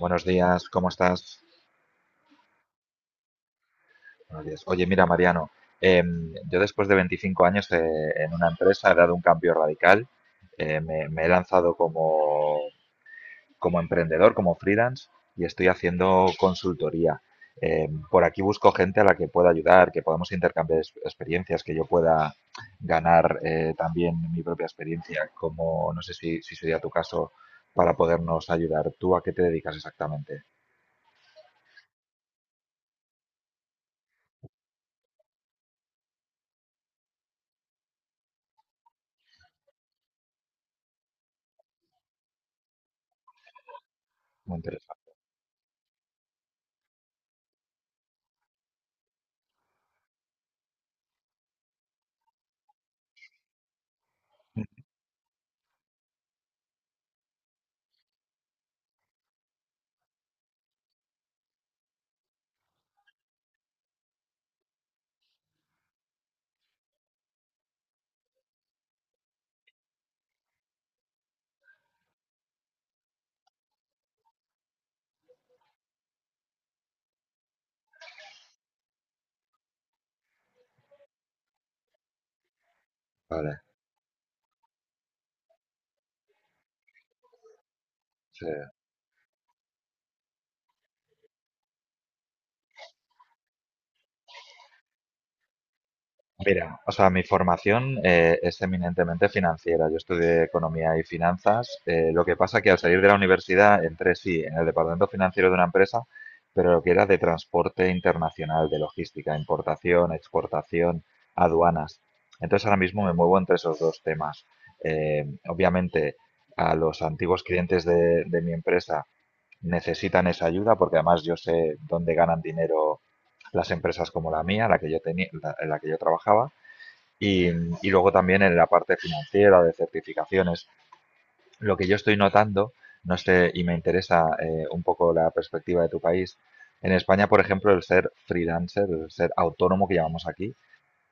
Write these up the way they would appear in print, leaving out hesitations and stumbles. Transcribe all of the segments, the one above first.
Buenos días, ¿cómo estás? Buenos días. Oye, mira, Mariano, yo después de 25 años en una empresa he dado un cambio radical. Me he lanzado como, como emprendedor, como freelance, y estoy haciendo consultoría. Por aquí busco gente a la que pueda ayudar, que podamos intercambiar experiencias, que yo pueda ganar también mi propia experiencia, como no sé si sería tu caso, para podernos ayudar. ¿Tú a qué te dedicas exactamente? Muy interesante. Vale, sí. Mira, o sea, mi formación es eminentemente financiera. Yo estudié economía y finanzas. Lo que pasa que al salir de la universidad entré, sí, en el departamento financiero de una empresa, pero lo que era de transporte internacional, de logística, importación, exportación, aduanas. Entonces ahora mismo me muevo entre esos dos temas. Obviamente a los antiguos clientes de mi empresa necesitan esa ayuda porque además yo sé dónde ganan dinero las empresas como la mía, la que yo tenía, la en la que yo trabajaba y luego también en la parte financiera de certificaciones. Lo que yo estoy notando, no sé, y me interesa un poco la perspectiva de tu país, en España, por ejemplo, el ser freelancer, el ser autónomo que llamamos aquí,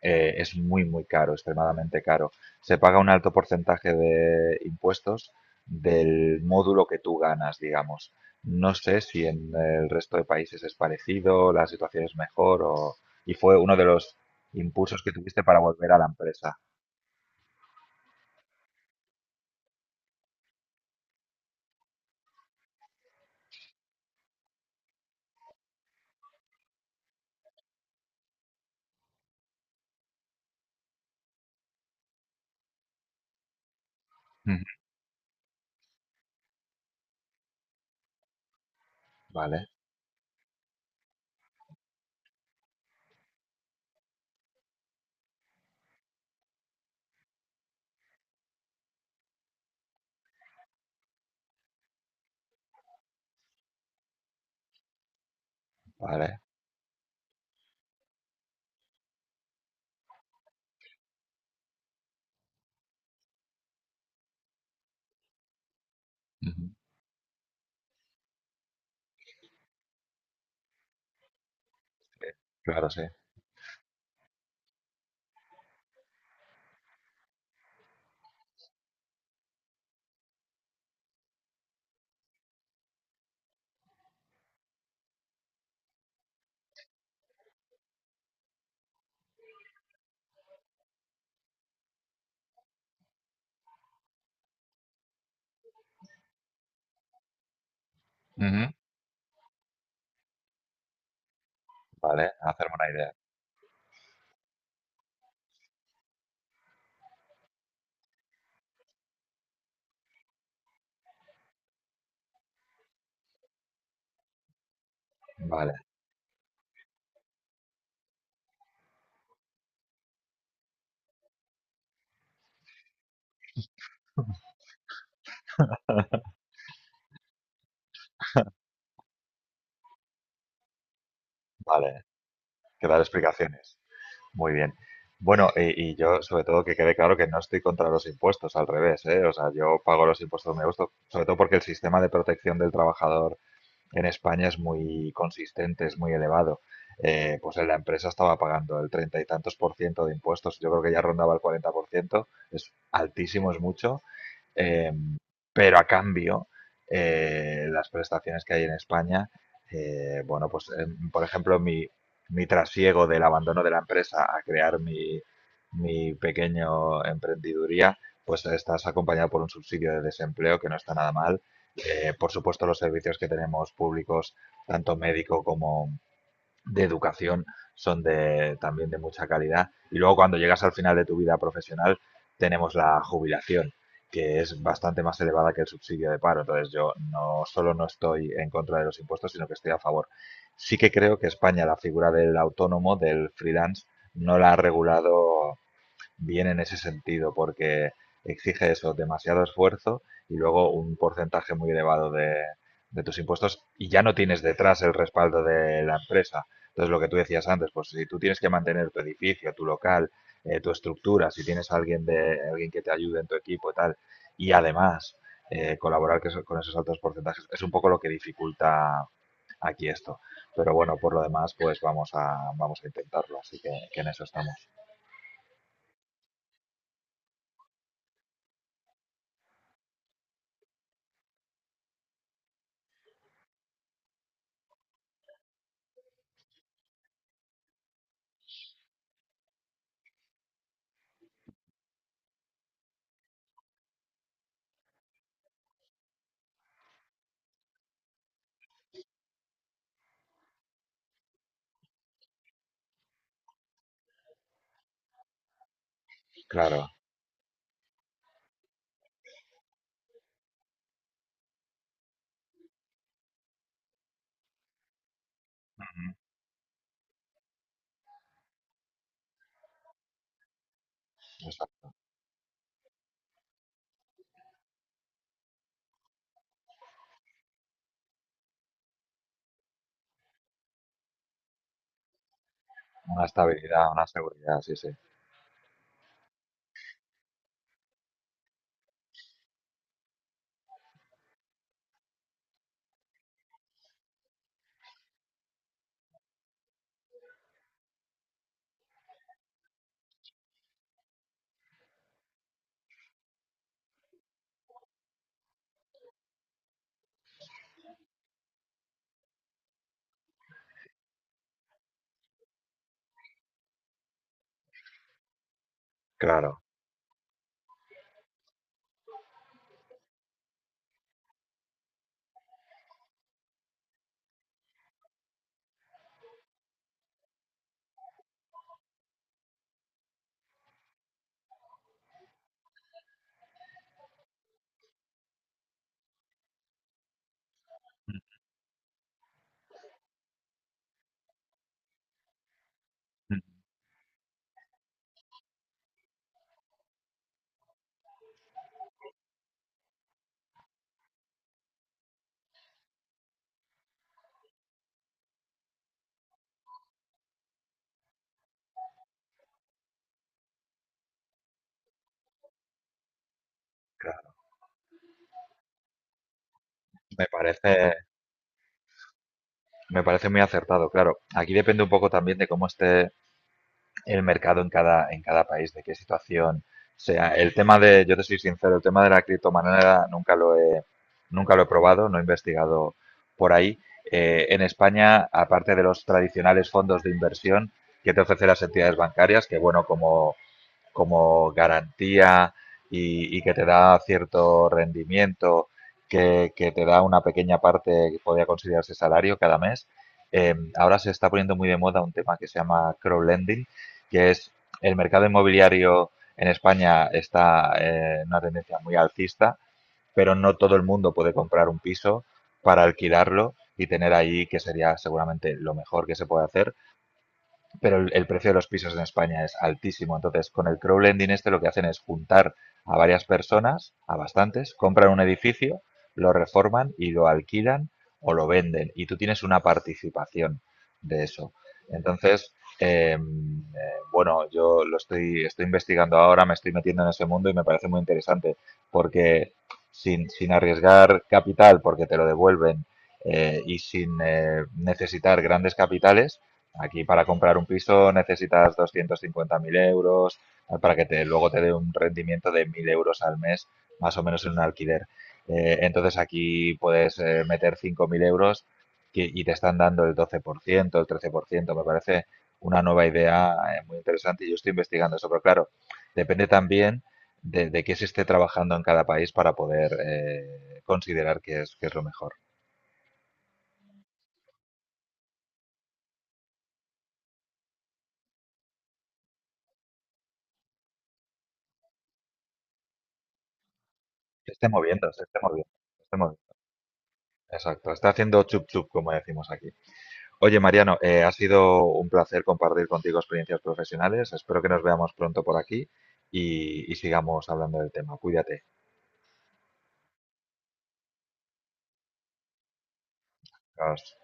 es muy, muy caro, extremadamente caro. Se paga un alto porcentaje de impuestos del módulo que tú ganas, digamos. No sé si en el resto de países es parecido, la situación es mejor o... y fue uno de los impulsos que tuviste para volver a la empresa. Ujú, vale, vale. Ujú, claro, sí. Ujú, vale, hacerme una idea. Vale, vale. Que dar explicaciones. Muy bien. Bueno, y yo sobre todo que quede claro que no estoy contra los impuestos, al revés, ¿eh? O sea, yo pago los impuestos donde me gusta, sobre todo porque el sistema de protección del trabajador en España es muy consistente, es muy elevado. Pues en la empresa estaba pagando el treinta y tantos por ciento de impuestos, yo creo que ya rondaba el 40%, es altísimo, es mucho. Eh, pero a cambio, las prestaciones que hay en España, bueno, pues por ejemplo, mi trasiego del abandono de la empresa a crear mi, mi pequeño emprendiduría, pues estás acompañado por un subsidio de desempleo que no está nada mal. Por supuesto, los servicios que tenemos públicos, tanto médico como, de educación son de, también de mucha calidad. Y luego cuando llegas al final de tu vida profesional tenemos la jubilación, que es bastante más elevada que el subsidio de paro. Entonces yo no solo no estoy en contra de los impuestos, sino que estoy a favor. Sí que creo que España la figura del autónomo, del freelance, no la ha regulado bien en ese sentido, porque exige eso, demasiado esfuerzo y luego un porcentaje muy elevado de tus impuestos y ya no tienes detrás el respaldo de la empresa. Entonces, lo que tú decías antes, pues si tú tienes que mantener tu edificio, tu local, tu estructura, si tienes a alguien, de, alguien que te ayude en tu equipo y tal, y además colaborar que con esos altos porcentajes, es un poco lo que dificulta aquí esto. Pero bueno, por lo demás, pues vamos a intentarlo, así que en eso estamos. Claro. Exacto. Una estabilidad, una seguridad, sí, sí. Claro, mm, claro. Me parece, me parece muy acertado, claro. Aquí depende un poco también de cómo esté el mercado en cada país, de qué situación sea. El tema de, yo te soy sincero, el tema de la criptomoneda nunca lo he, nunca lo he probado, no he investigado por ahí. En España, aparte de los tradicionales fondos de inversión que te ofrecen las entidades bancarias, que bueno, como como garantía y que te da cierto rendimiento, que, te da una pequeña parte que podría considerarse salario cada mes. Ahora se está poniendo muy de moda un tema que se llama crowdlending, que es el mercado inmobiliario en España está en una tendencia muy alcista, pero no todo el mundo puede comprar un piso para alquilarlo y tener ahí, que sería seguramente lo mejor que se puede hacer, pero el precio de los pisos en España es altísimo. Entonces, con el crowdlending este lo que hacen es juntar a varias personas, a bastantes, compran un edificio, lo reforman y lo alquilan o lo venden. Y tú tienes una participación de eso. Entonces, bueno, yo lo estoy, estoy investigando ahora, me estoy metiendo en ese mundo y me parece muy interesante porque sin, sin arriesgar capital, porque te lo devuelven, y sin necesitar grandes capitales, aquí para comprar un piso necesitas 250.000 euros para que te, luego te dé un rendimiento de 1.000 euros al mes, más o menos en un alquiler. Entonces aquí puedes meter 5.000 euros y te están dando el 12%, el 13%. Me parece una nueva idea muy interesante y yo estoy investigando eso. Pero claro, depende también de qué se esté trabajando en cada país para poder considerar que es lo mejor. Se esté moviendo, se esté moviendo, se esté moviendo. Exacto, está haciendo chup chup, como decimos aquí. Oye, Mariano, ha sido un placer compartir contigo experiencias profesionales. Espero que nos veamos pronto por aquí y sigamos hablando del tema. Cuídate. Hasta